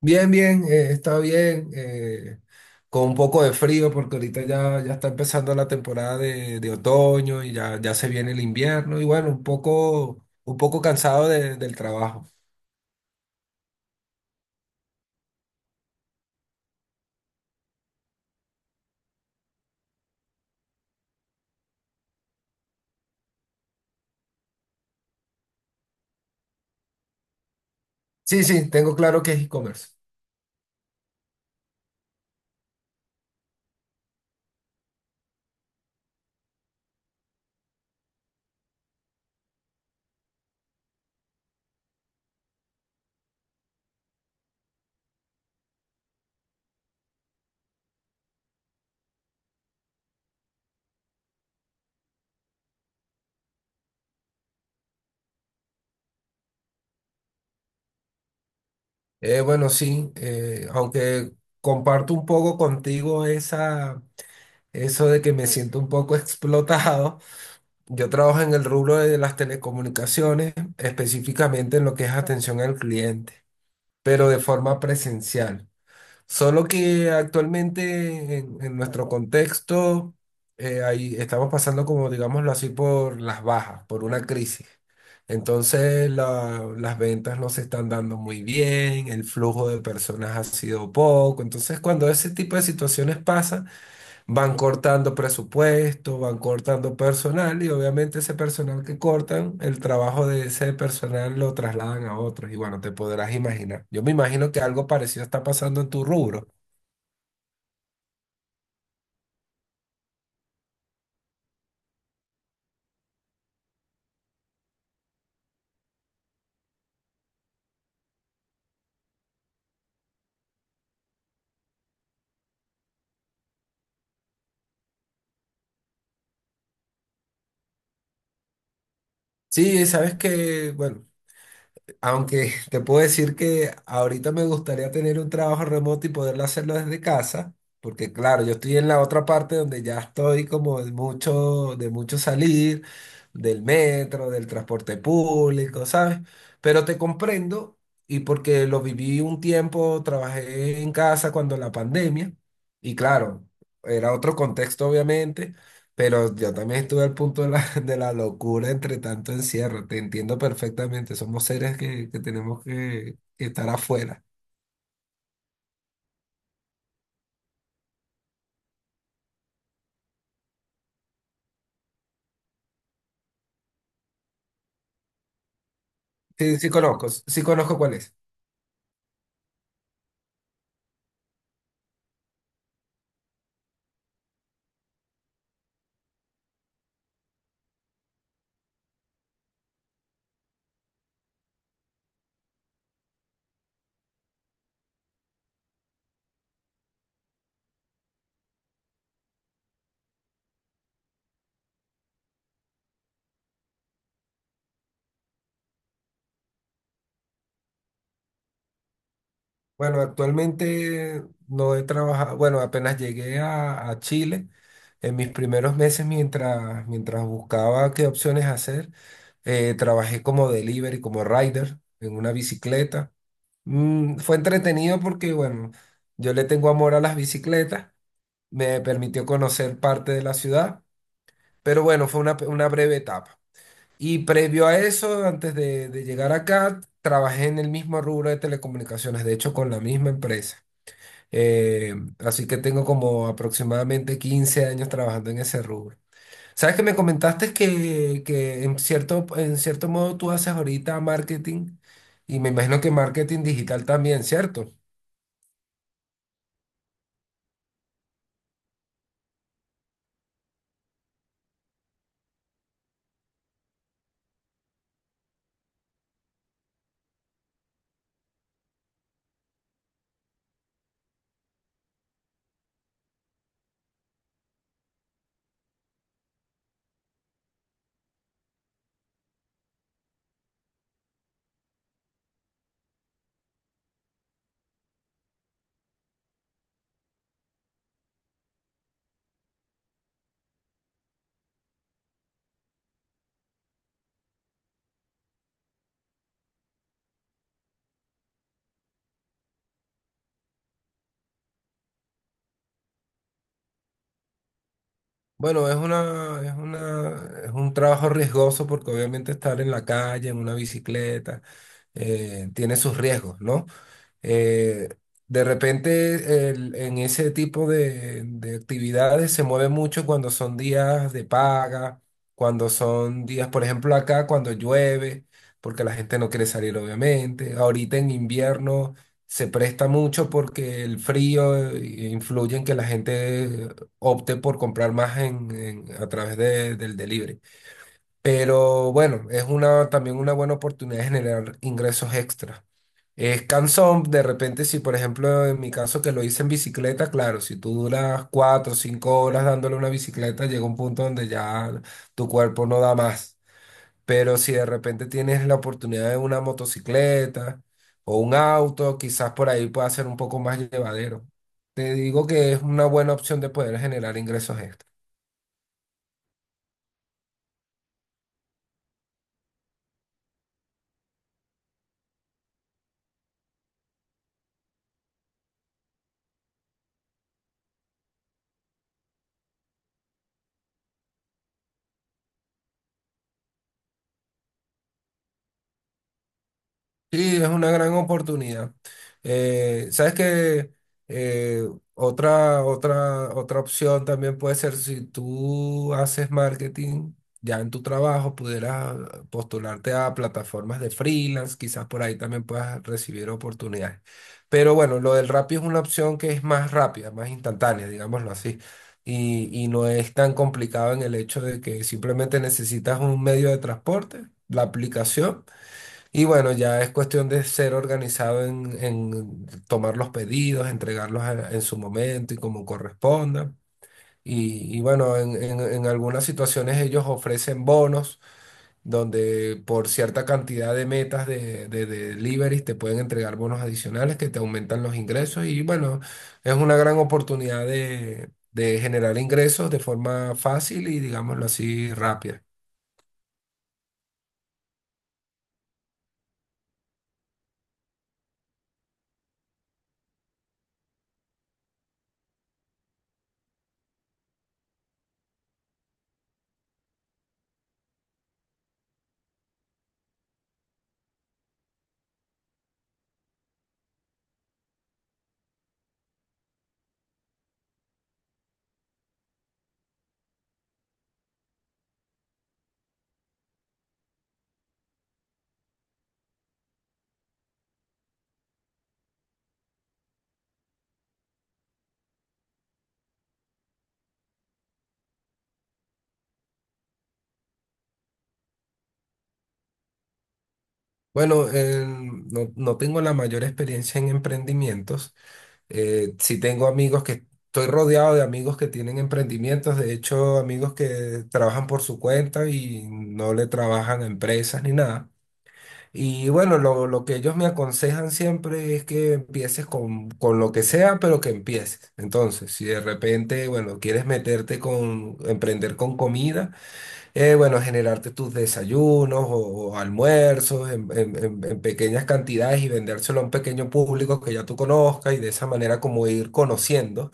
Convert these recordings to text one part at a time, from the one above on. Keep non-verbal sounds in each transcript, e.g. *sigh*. Bien, bien, está bien, con un poco de frío porque ahorita ya está empezando la temporada de otoño y ya se viene el invierno y bueno, un poco cansado del trabajo. Sí, sí, tengo claro que es e-commerce. Bueno, sí, aunque comparto un poco contigo eso de que me siento un poco *laughs* explotado, yo trabajo en el rubro de las telecomunicaciones, específicamente en lo que es atención al cliente, pero de forma presencial. Solo que actualmente en nuestro contexto ahí estamos pasando como, digámoslo así, por las bajas, por una crisis. Entonces las ventas no se están dando muy bien, el flujo de personas ha sido poco. Entonces cuando ese tipo de situaciones pasan, van cortando presupuesto, van cortando personal y obviamente ese personal que cortan, el trabajo de ese personal lo trasladan a otros. Y bueno, te podrás imaginar. Yo me imagino que algo parecido está pasando en tu rubro. Sí, sabes que, bueno, aunque *laughs* te puedo decir que ahorita me gustaría tener un trabajo remoto y poderlo hacerlo desde casa, porque claro, yo estoy en la otra parte donde ya estoy como de mucho salir, del metro, del transporte público, ¿sabes? Pero te comprendo y porque lo viví un tiempo, trabajé en casa cuando la pandemia, y claro, era otro contexto obviamente pero yo también estuve al punto de la, *laughs* de la locura entre tanto encierro. Te entiendo perfectamente. Somos seres que tenemos que estar afuera. Sí, sí conozco cuál es. Bueno, actualmente no he trabajado, bueno, apenas llegué a Chile en mis primeros meses mientras buscaba qué opciones hacer. Trabajé como delivery, como rider en una bicicleta. Mm, fue entretenido porque, bueno, yo le tengo amor a las bicicletas. Me permitió conocer parte de la ciudad, pero bueno, una breve etapa. Y previo a eso, antes de llegar acá, trabajé en el mismo rubro de telecomunicaciones, de hecho con la misma empresa. Eh, Así que tengo como aproximadamente 15 años trabajando en ese rubro. Sabes que me comentaste que en en cierto modo tú haces ahorita marketing y me imagino que marketing digital también, ¿cierto? Bueno, es un trabajo riesgoso porque obviamente estar en la calle, en una bicicleta, tiene sus riesgos, ¿no? Eh, de repente en ese tipo de actividades se mueve mucho cuando son días de paga, cuando son días, por ejemplo, acá cuando llueve, porque la gente no quiere salir, obviamente. Ahorita en invierno se presta mucho porque el frío influye en que la gente opte por comprar más a través del delivery. Pero bueno, es una, también una buena oportunidad de generar ingresos extra. Es cansón, de repente, si por ejemplo en mi caso que lo hice en bicicleta, claro, si tú duras cuatro o cinco horas dándole una bicicleta, llega un punto donde ya tu cuerpo no da más. Pero si de repente tienes la oportunidad de una motocicleta o un auto, quizás por ahí pueda ser un poco más llevadero. Te digo que es una buena opción de poder generar ingresos extra. Sí, es una gran oportunidad. Sabes que otra opción también puede ser si tú haces marketing ya en tu trabajo, pudieras postularte a plataformas de freelance, quizás por ahí también puedas recibir oportunidades. Pero bueno, lo del Rappi es una opción que es más rápida, más instantánea, digámoslo así. Y no es tan complicado en el hecho de que simplemente necesitas un medio de transporte, la aplicación. Y bueno, ya es cuestión de ser organizado en tomar los pedidos, en su momento y como corresponda. Y bueno, en algunas situaciones ellos ofrecen bonos donde por cierta cantidad de metas de deliveries te pueden entregar bonos adicionales que te aumentan los ingresos. Y bueno, es una gran oportunidad de generar ingresos de forma fácil y digámoslo así, rápida. Bueno, no, no tengo la mayor experiencia en emprendimientos. Sí tengo amigos que, estoy rodeado de amigos que tienen emprendimientos, de hecho amigos que trabajan por su cuenta y no le trabajan a empresas ni nada. Y bueno, lo que ellos me aconsejan siempre es que empieces con lo que sea, pero que empieces. Entonces, si de repente, bueno, quieres meterte con, emprender con comida. Bueno, generarte tus desayunos o almuerzos en pequeñas cantidades y vendérselo a un pequeño público que ya tú conozcas y de esa manera como ir conociendo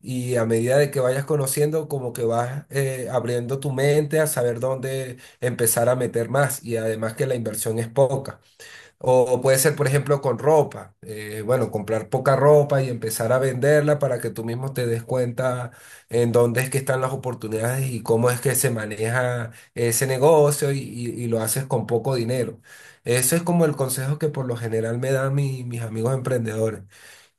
y a medida de que vayas conociendo como que vas abriendo tu mente a saber dónde empezar a meter más y además que la inversión es poca. O puede ser, por ejemplo, con ropa. Bueno, comprar poca ropa y empezar a venderla para que tú mismo te des cuenta en dónde es que están las oportunidades y cómo es que se maneja ese negocio y lo haces con poco dinero. Eso es como el consejo que por lo general me dan mis amigos emprendedores.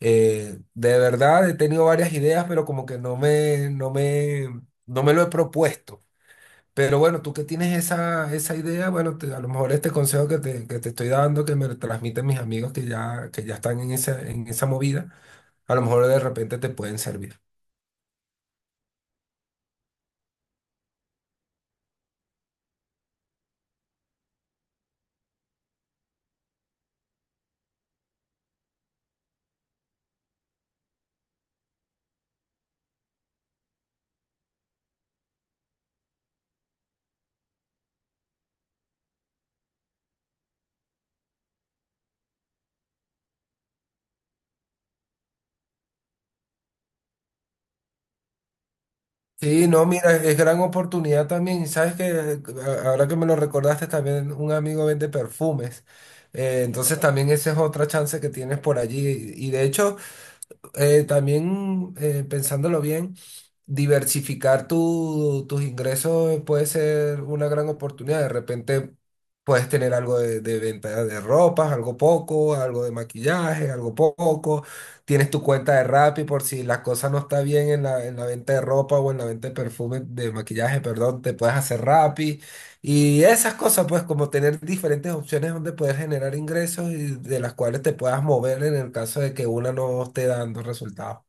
De verdad, he tenido varias ideas, pero como que no me lo he propuesto. Pero bueno, tú que tienes esa, esa idea, bueno, a lo mejor este consejo que te estoy dando, que me lo transmiten mis amigos que ya están en esa movida, a lo mejor de repente te pueden servir. Sí, no, mira, es gran oportunidad también. Y sabes que ahora que me lo recordaste, también un amigo vende perfumes. Entonces también esa es otra chance que tienes por allí. Y de hecho, también pensándolo bien, diversificar tus ingresos puede ser una gran oportunidad. De repente puedes tener algo de venta de ropas, algo poco, algo de maquillaje, algo poco. Tienes tu cuenta de Rappi por si la cosa no está bien en la venta de ropa o en la venta de perfume, de maquillaje, perdón, te puedes hacer Rappi. Y esas cosas, pues como tener diferentes opciones donde puedes generar ingresos y de las cuales te puedas mover en el caso de que una no esté dando resultados.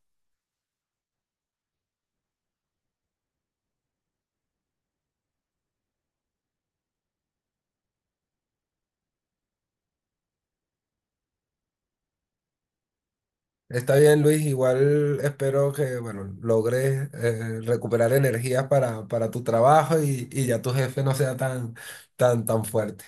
Está bien, Luis. Igual espero que, bueno, logres recuperar energías para tu trabajo y ya tu jefe no sea tan, tan, tan fuerte.